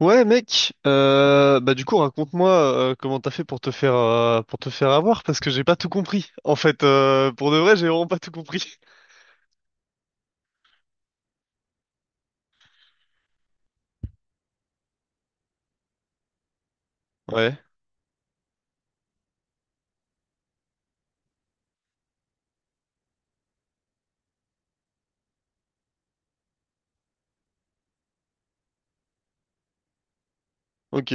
Ouais mec, bah du coup raconte-moi comment t'as fait pour te faire avoir parce que j'ai pas tout compris. En fait, pour de vrai, j'ai vraiment pas tout compris. Ouais. Ok.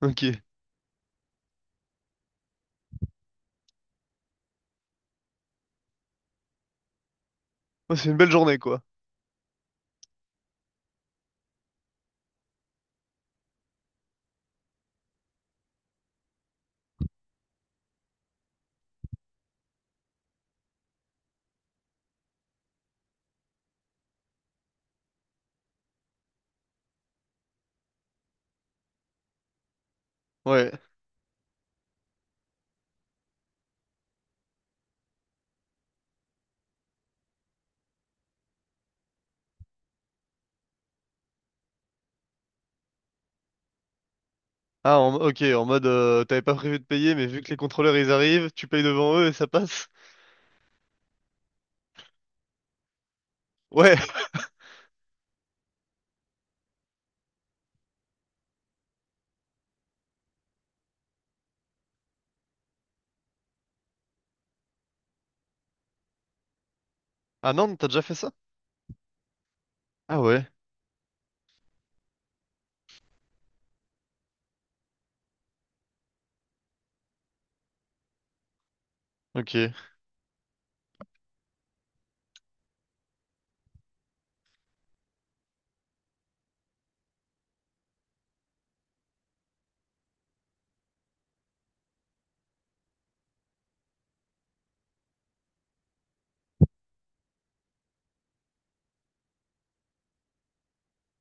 Ok. Ouais, c'est une belle journée quoi. Ouais. Ok en mode t'avais pas prévu de payer mais vu que les contrôleurs ils arrivent, tu payes devant eux et ça passe. Ouais. Ah non, t'as déjà fait ça? Ah ouais. Ok.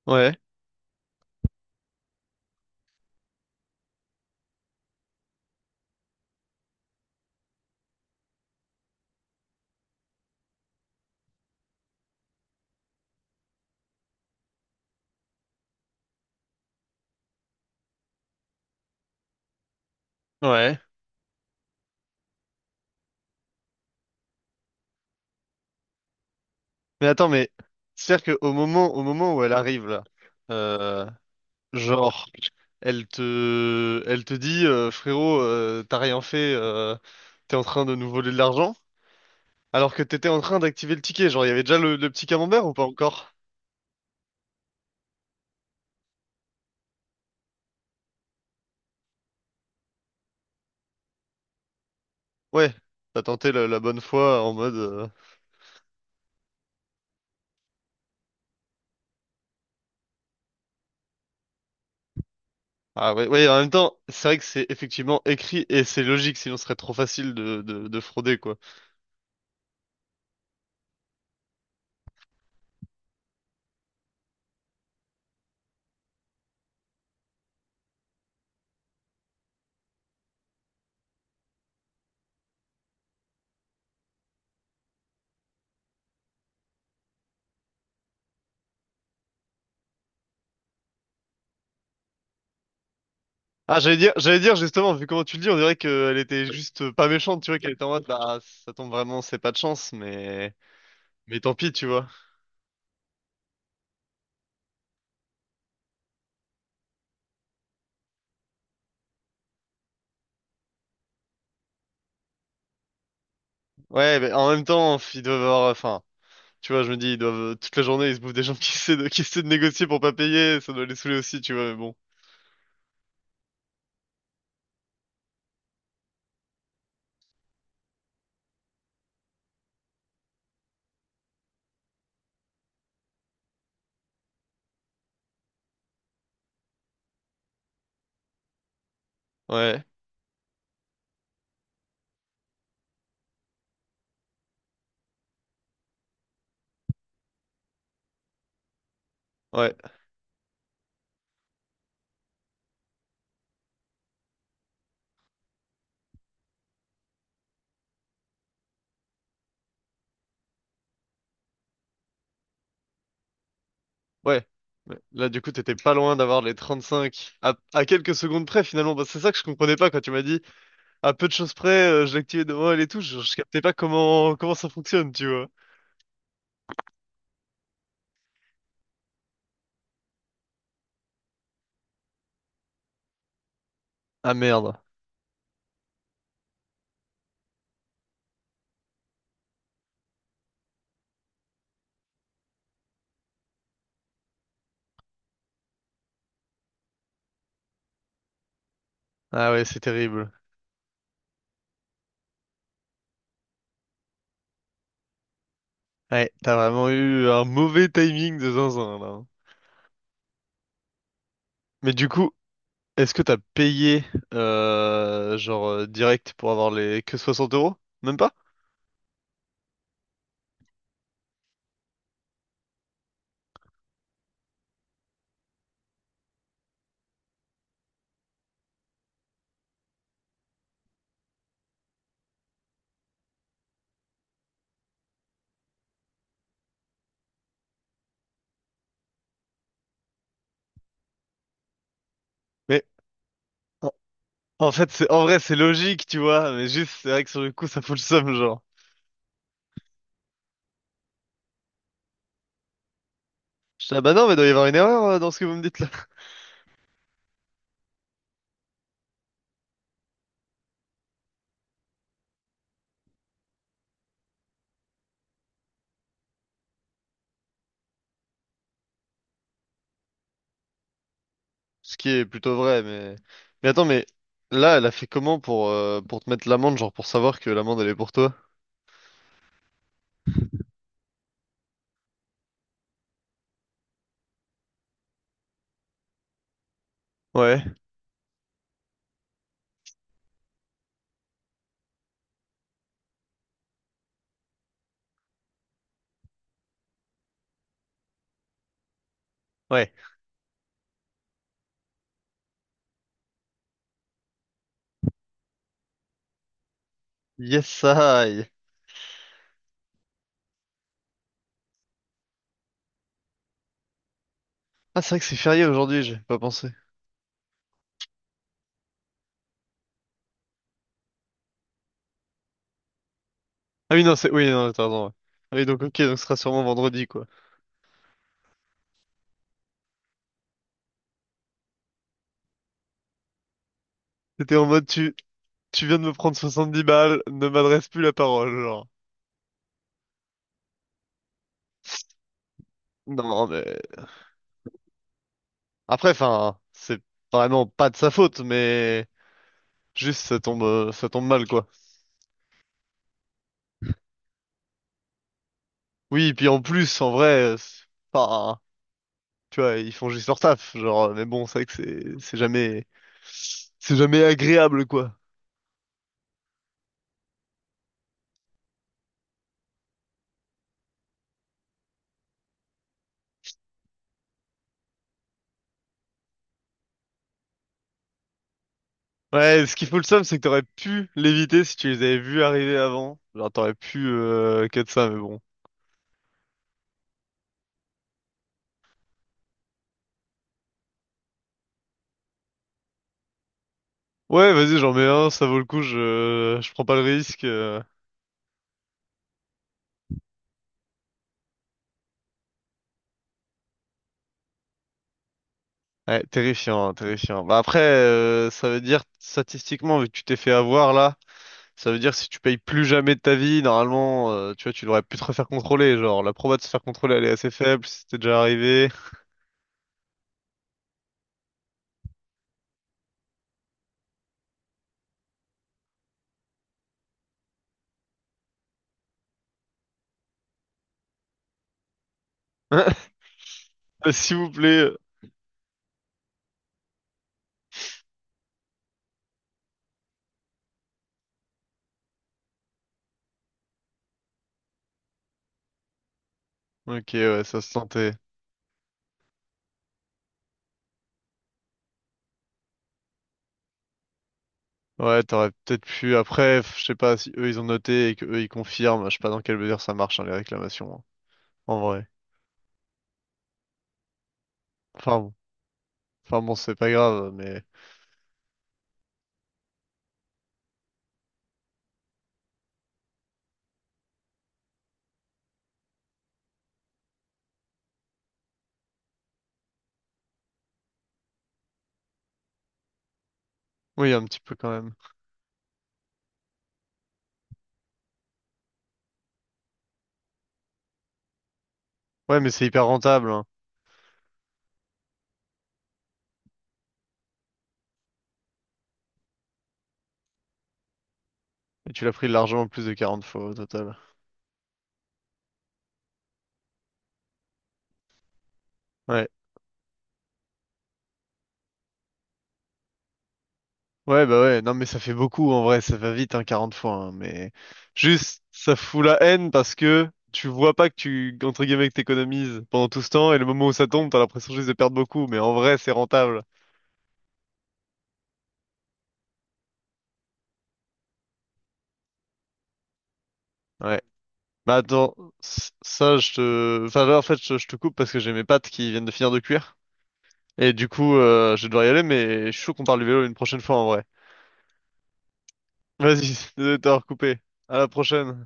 Ouais. Ouais. Mais attends, mais c'est-à-dire que au moment où elle arrive là, euh, genre elle te, elle te dit, frérot, t'as rien fait, t'es en train de nous voler de l'argent, alors que t'étais en train d'activer le ticket. Genre, il y avait déjà le petit camembert ou pas encore? Ouais, t'as tenté la, la bonne foi en mode. Ah ouais, ouais, en même temps, c'est vrai que c'est effectivement écrit et c'est logique, sinon ce serait trop facile de frauder, quoi. Ah, j'allais dire justement, vu comment tu le dis, on dirait qu'elle était juste pas méchante, tu vois, qu'elle était en mode, bah, ça tombe vraiment, c'est pas de chance, mais tant pis, tu vois. Ouais, mais en même temps, ils doivent avoir, enfin. Tu vois, je me dis, ils doivent, toute la journée, ils se bouffent des gens qui essaient de négocier pour pas payer, ça doit les saouler aussi, tu vois, mais bon. Ouais, ouais, ouais. Ouais. Là, du coup, t'étais pas loin d'avoir les 35 à quelques secondes près, finalement. Parce que c'est ça que je comprenais pas quand tu m'as dit, à peu de choses près, je l'activais devant elle et tout. Je captais pas comment, comment ça fonctionne, tu vois. Ah merde. Ah ouais, c'est terrible. Ouais, t'as vraiment eu un mauvais timing de zinzin, là. Mais du coup, est-ce que t'as payé genre direct pour avoir les que 60 euros? Même pas? Mais en, en fait c'est en vrai c'est logique tu vois, mais juste c'est vrai que sur le coup ça fout le seum genre. Je dis, ah bah non mais il doit y avoir une erreur dans ce que vous me dites là. Ce qui est plutôt vrai, mais… Mais attends, mais là, elle a fait comment pour te mettre l'amende, genre pour savoir que l'amende, elle est pour toi? Ouais, ouais. Yes, I. Ah, c'est vrai que c'est férié aujourd'hui, j'ai pas pensé. Ah oui, non, c'est… Oui, non, t'as raison, ouais. Ah oui, donc ok, donc ce sera sûrement vendredi, quoi. C'était en mode, tu… tu viens de me prendre 70 balles, ne m'adresse plus la parole, genre. Non, mais… Après, enfin, c'est vraiment pas de sa faute, mais… Juste, ça tombe mal, quoi. Oui, et puis en plus, en vrai, c'est pas… tu vois, ils font juste leur taf, genre, mais bon, c'est vrai que c'est jamais c'est jamais agréable, quoi. Ouais, ce qui fout le seum, c'est que t'aurais pu l'éviter si tu les avais vus arriver avant. Genre, t'aurais pu cut ça, mais bon. Ouais, vas-y, j'en mets un, ça vaut le coup, je prends pas le risque. Ouais, terrifiant, hein, terrifiant. Bah après, ça veut dire, statistiquement, vu que tu t'es fait avoir, là, ça veut dire si tu payes plus jamais de ta vie, normalement, tu vois, tu devrais plus te refaire contrôler. Genre, la proba de se faire contrôler, elle est assez faible, si c'était déjà arrivé. S'il vous plaît. Ok, ouais, ça se sentait. Ouais, t'aurais peut-être pu. Après, je sais pas si eux ils ont noté et que eux ils confirment. Je sais pas dans quelle mesure ça marche, hein, les réclamations. Hein, en vrai. Enfin bon. Enfin bon, c'est pas grave, mais. Oui, un petit peu quand même. Ouais, mais c'est hyper rentable, hein. Et tu l'as pris largement plus de 40 fois au total. Ouais. Ouais, bah ouais. Non, mais ça fait beaucoup en vrai. Ça va vite, hein, 40 fois. Hein, mais. Juste, ça fout la haine parce que. Tu vois pas que tu, entre guillemets, que t'économises pendant tout ce temps, et le moment où ça tombe, t'as l'impression juste de perdre beaucoup, mais en vrai, c'est rentable. Ouais. Mais attends, ça, je te… Enfin, là, en fait, je te coupe parce que j'ai mes pattes qui viennent de finir de cuire. Et du coup, je vais devoir y aller, mais je suis chaud qu'on parle du vélo une prochaine fois, en vrai. Vas-y, désolé de t'avoir coupé. À la prochaine.